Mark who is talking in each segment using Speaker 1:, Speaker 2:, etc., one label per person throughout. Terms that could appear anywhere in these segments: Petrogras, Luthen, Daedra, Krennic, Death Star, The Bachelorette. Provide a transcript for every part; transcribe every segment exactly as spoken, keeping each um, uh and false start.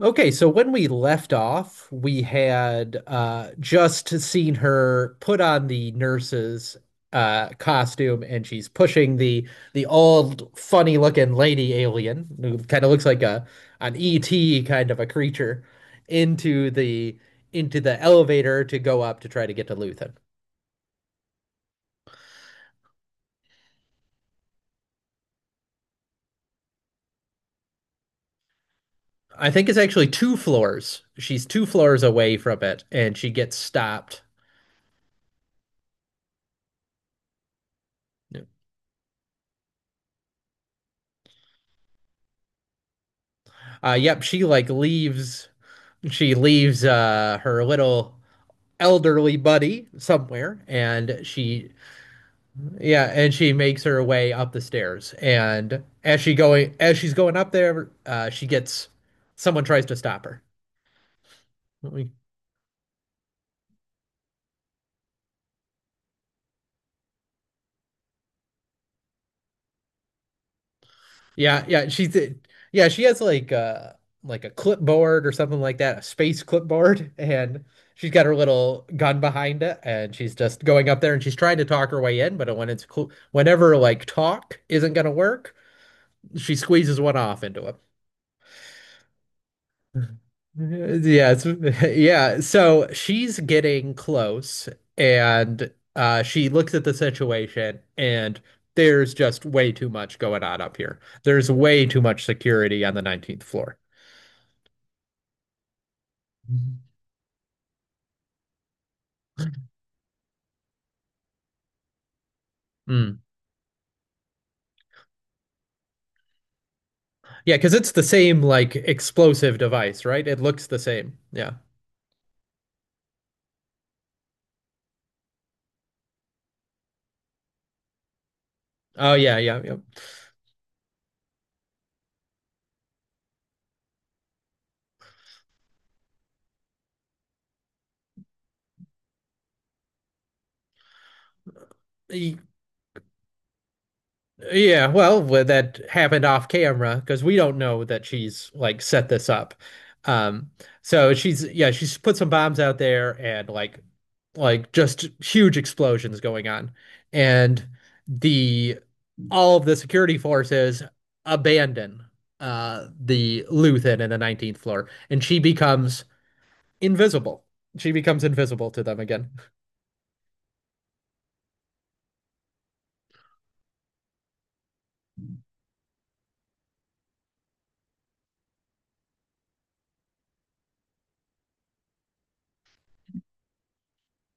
Speaker 1: Okay, so when we left off, we had uh, just seen her put on the nurse's uh, costume, and she's pushing the the old, funny-looking lady alien, who kind of looks like a an E T kind of a creature, into the into the elevator to go up to try to get to Luthen. I think it's actually two floors. She's two floors away from it, and she gets stopped. Uh, yep, she like leaves. She leaves uh, her little elderly buddy somewhere, and she yeah and she makes her way up the stairs, and as she going as she's going up there, uh, she gets, someone tries to stop her. Yeah yeah she's, yeah, she has like uh like a clipboard or something like that, a space clipboard, and she's got her little gun behind it, and she's just going up there, and she's trying to talk her way in, but when it's cl- whenever like talk isn't going to work, she squeezes one off into him. Yeah, it's, yeah. So she's getting close, and uh, she looks at the situation, and there's just way too much going on up here. There's way too much security on the nineteenth floor. Mhm. Mm. Yeah, because it's the same like explosive device, right? It looks the same. Yeah. Oh yeah, yeah, yeah. Yeah, well, wh- that happened off camera because we don't know that she's like set this up. Um, so she's, yeah, she's put some bombs out there, and like like just huge explosions going on. And the all of the security forces abandon uh the Luthen in the nineteenth floor, and she becomes invisible. She becomes invisible to them again.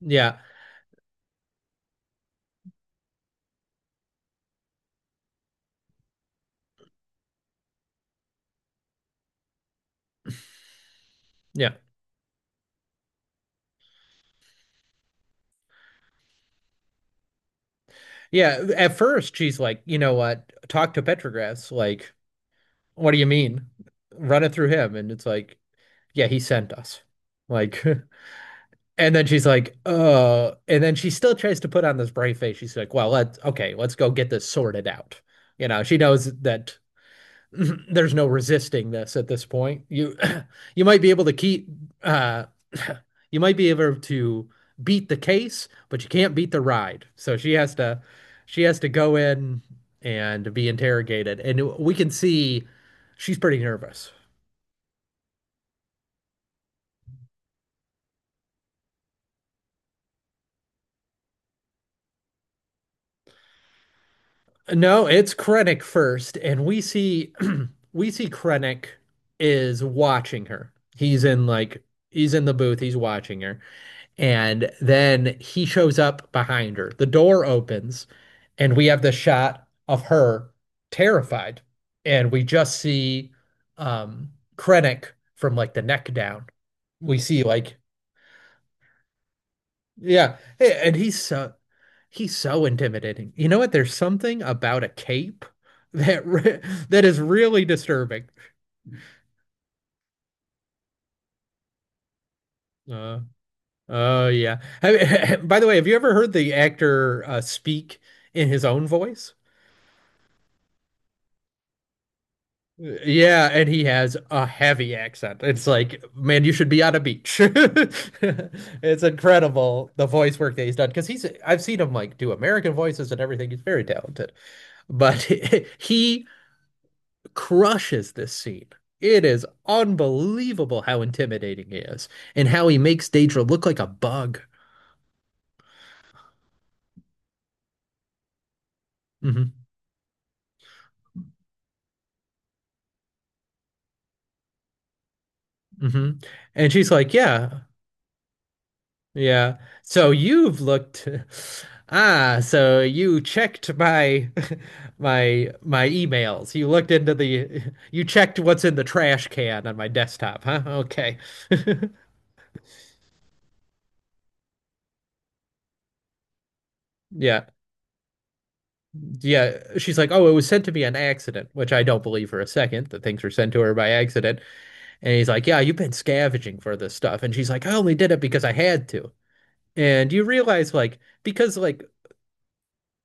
Speaker 1: Yeah. Yeah. Yeah, at first she's like, you know what? Talk to Petrogras. Like, what do you mean? Run it through him. And it's like, yeah, he sent us. Like, and then she's like, uh, and then she still tries to put on this brave face. She's like, well, let's, okay, let's go get this sorted out. You know, she knows that there's no resisting this at this point. You, you might be able to keep, uh, you might be able to beat the case, but you can't beat the ride. So she has to, she has to go in and be interrogated. And we can see she's pretty nervous. No, it's Krennic first, and we see we see Krennic is watching her. He's in like he's in the booth, he's watching her, and then he shows up behind her. The door opens, and we have the shot of her terrified, and we just see um Krennic from like the neck down. We see like, yeah, hey, and he's so he's so intimidating. You know what? There's something about a cape that re that is really disturbing. Uh, oh yeah. Have- by the way, have you ever heard the actor uh, speak in his own voice? Uh, Yeah, and he has a heavy accent. It's like, man, you should be on a beach. It's incredible the voice work that he's done, because he's I've seen him like do American voices and everything. He's very talented, but he crushes this scene. It is unbelievable how intimidating he is and how he makes Daedra look like a bug. Hmm. Hmm. And she's like, yeah, yeah. So you've looked. Ah, so you checked my my my emails. You looked into the you checked what's in the trash can on my desktop, huh? Okay. Yeah. Yeah. She's like, "Oh, it was sent to me on accident," which I don't believe for a second that things were sent to her by accident. And he's like, yeah, you've been scavenging for this stuff. And she's like, I only did it because I had to. And you realize, like, because, like,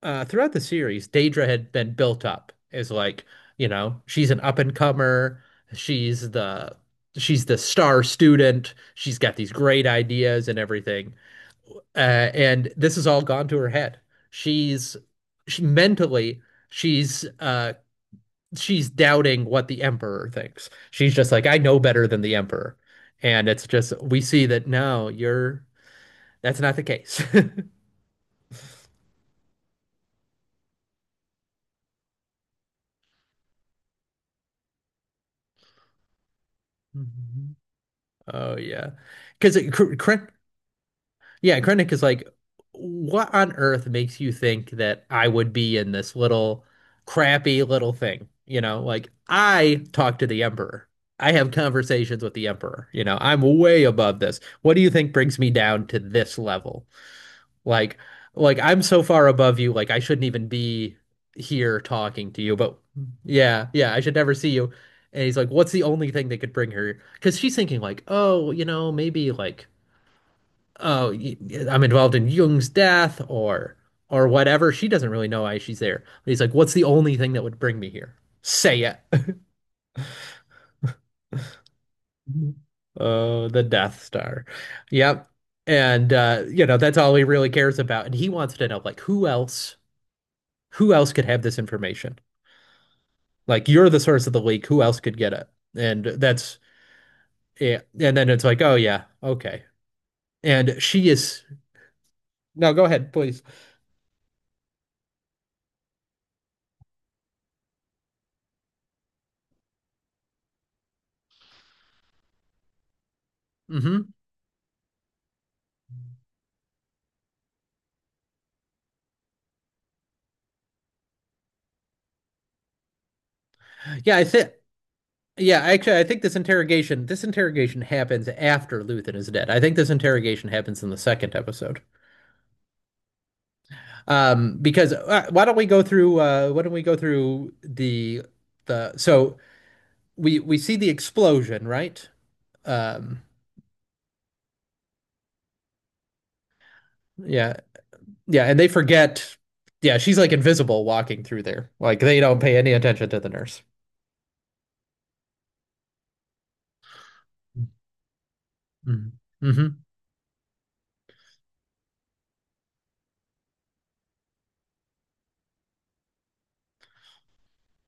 Speaker 1: uh, throughout the series, Daedra had been built up as, like, you know, she's an up and comer. She's the. She's the star student. She's got these great ideas and everything. Uh, and this has all gone to her head. She's she mentally she's uh she's doubting what the emperor thinks. She's just like, I know better than the emperor. And it's just, we see that no, you're, that's not the case. Mhm. Oh, yeah. Because Krennic, yeah, Krennic is like, what on earth makes you think that I would be in this little crappy little thing? You know, like I talk to the emperor. I have conversations with the emperor. You know, I'm way above this. What do you think brings me down to this level? Like, like I'm so far above you, like I shouldn't even be here talking to you. But yeah, yeah, I should never see you. And he's like, what's the only thing that could bring her? Because she's thinking like, oh, you know, maybe like, oh, y- I'm involved in Jung's death or or whatever. She doesn't really know why she's there. But he's like, what's the only thing that would bring me here? Say it. Oh, the Death Star. Yep. And uh, you know, that's all he really cares about. And he wants to know like who else who else could have this information? Like you're the source of the leak. Who else could get it? And that's, yeah. And then it's like, oh yeah, okay. And she is no. Go ahead, please. Hmm. Yeah, I think. Yeah, actually, I think this interrogation this interrogation happens after Luthen is dead. I think this interrogation happens in the second episode. Um, because uh, why don't we go through? Uh, why don't we go through the the so we we see the explosion, right? Um, yeah, yeah, and they forget. Yeah, she's like invisible walking through there. Like they don't pay any attention to the nurse. Mm-hmm. Mm-hmm.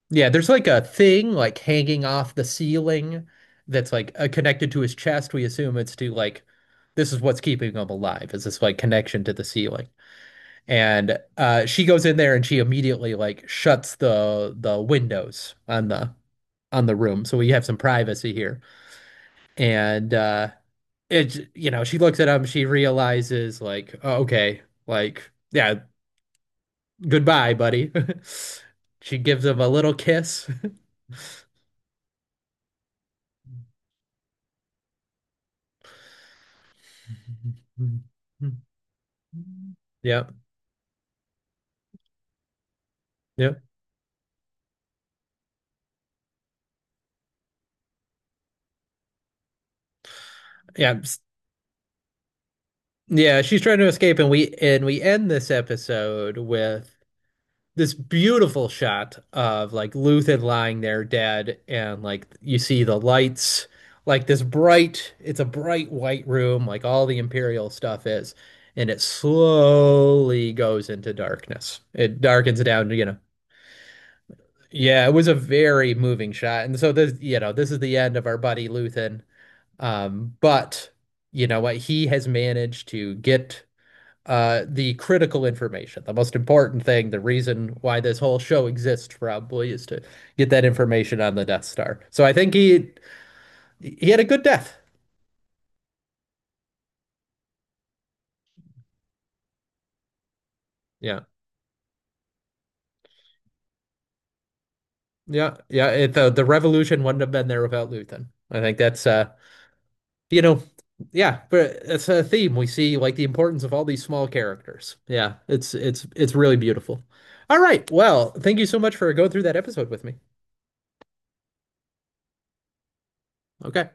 Speaker 1: Yeah, there's like a thing like hanging off the ceiling that's like uh, connected to his chest. We assume it's to like this is what's keeping him alive, is this like connection to the ceiling. And uh she goes in there, and she immediately like shuts the the windows on the on the room. So we have some privacy here. And uh it's, you know, she looks at him, she realizes like, oh, okay, like, yeah, goodbye buddy. She gives him a little kiss. Yep. Yep. yeah s- yeah, she's trying to escape, and we and we end this episode with this beautiful shot of like Luthen lying there dead, and like you see the lights, like this bright, it's a bright white room, like all the Imperial stuff is, and it slowly goes into darkness. It darkens down, you know. Yeah, it was a very moving shot. And so this, you know, this is the end of our buddy Luthen. Um, but you know what? He has managed to get uh, the critical information, the most important thing, the reason why this whole show exists probably is to get that information on the Death Star. So I think he he had a good death. Yeah, yeah, yeah. It, the the revolution wouldn't have been there without Luthen. I think that's uh you know, yeah, but it's a theme we see like the importance of all these small characters. Yeah, it's it's it's really beautiful. All right, well, thank you so much for going through that episode with me. Okay.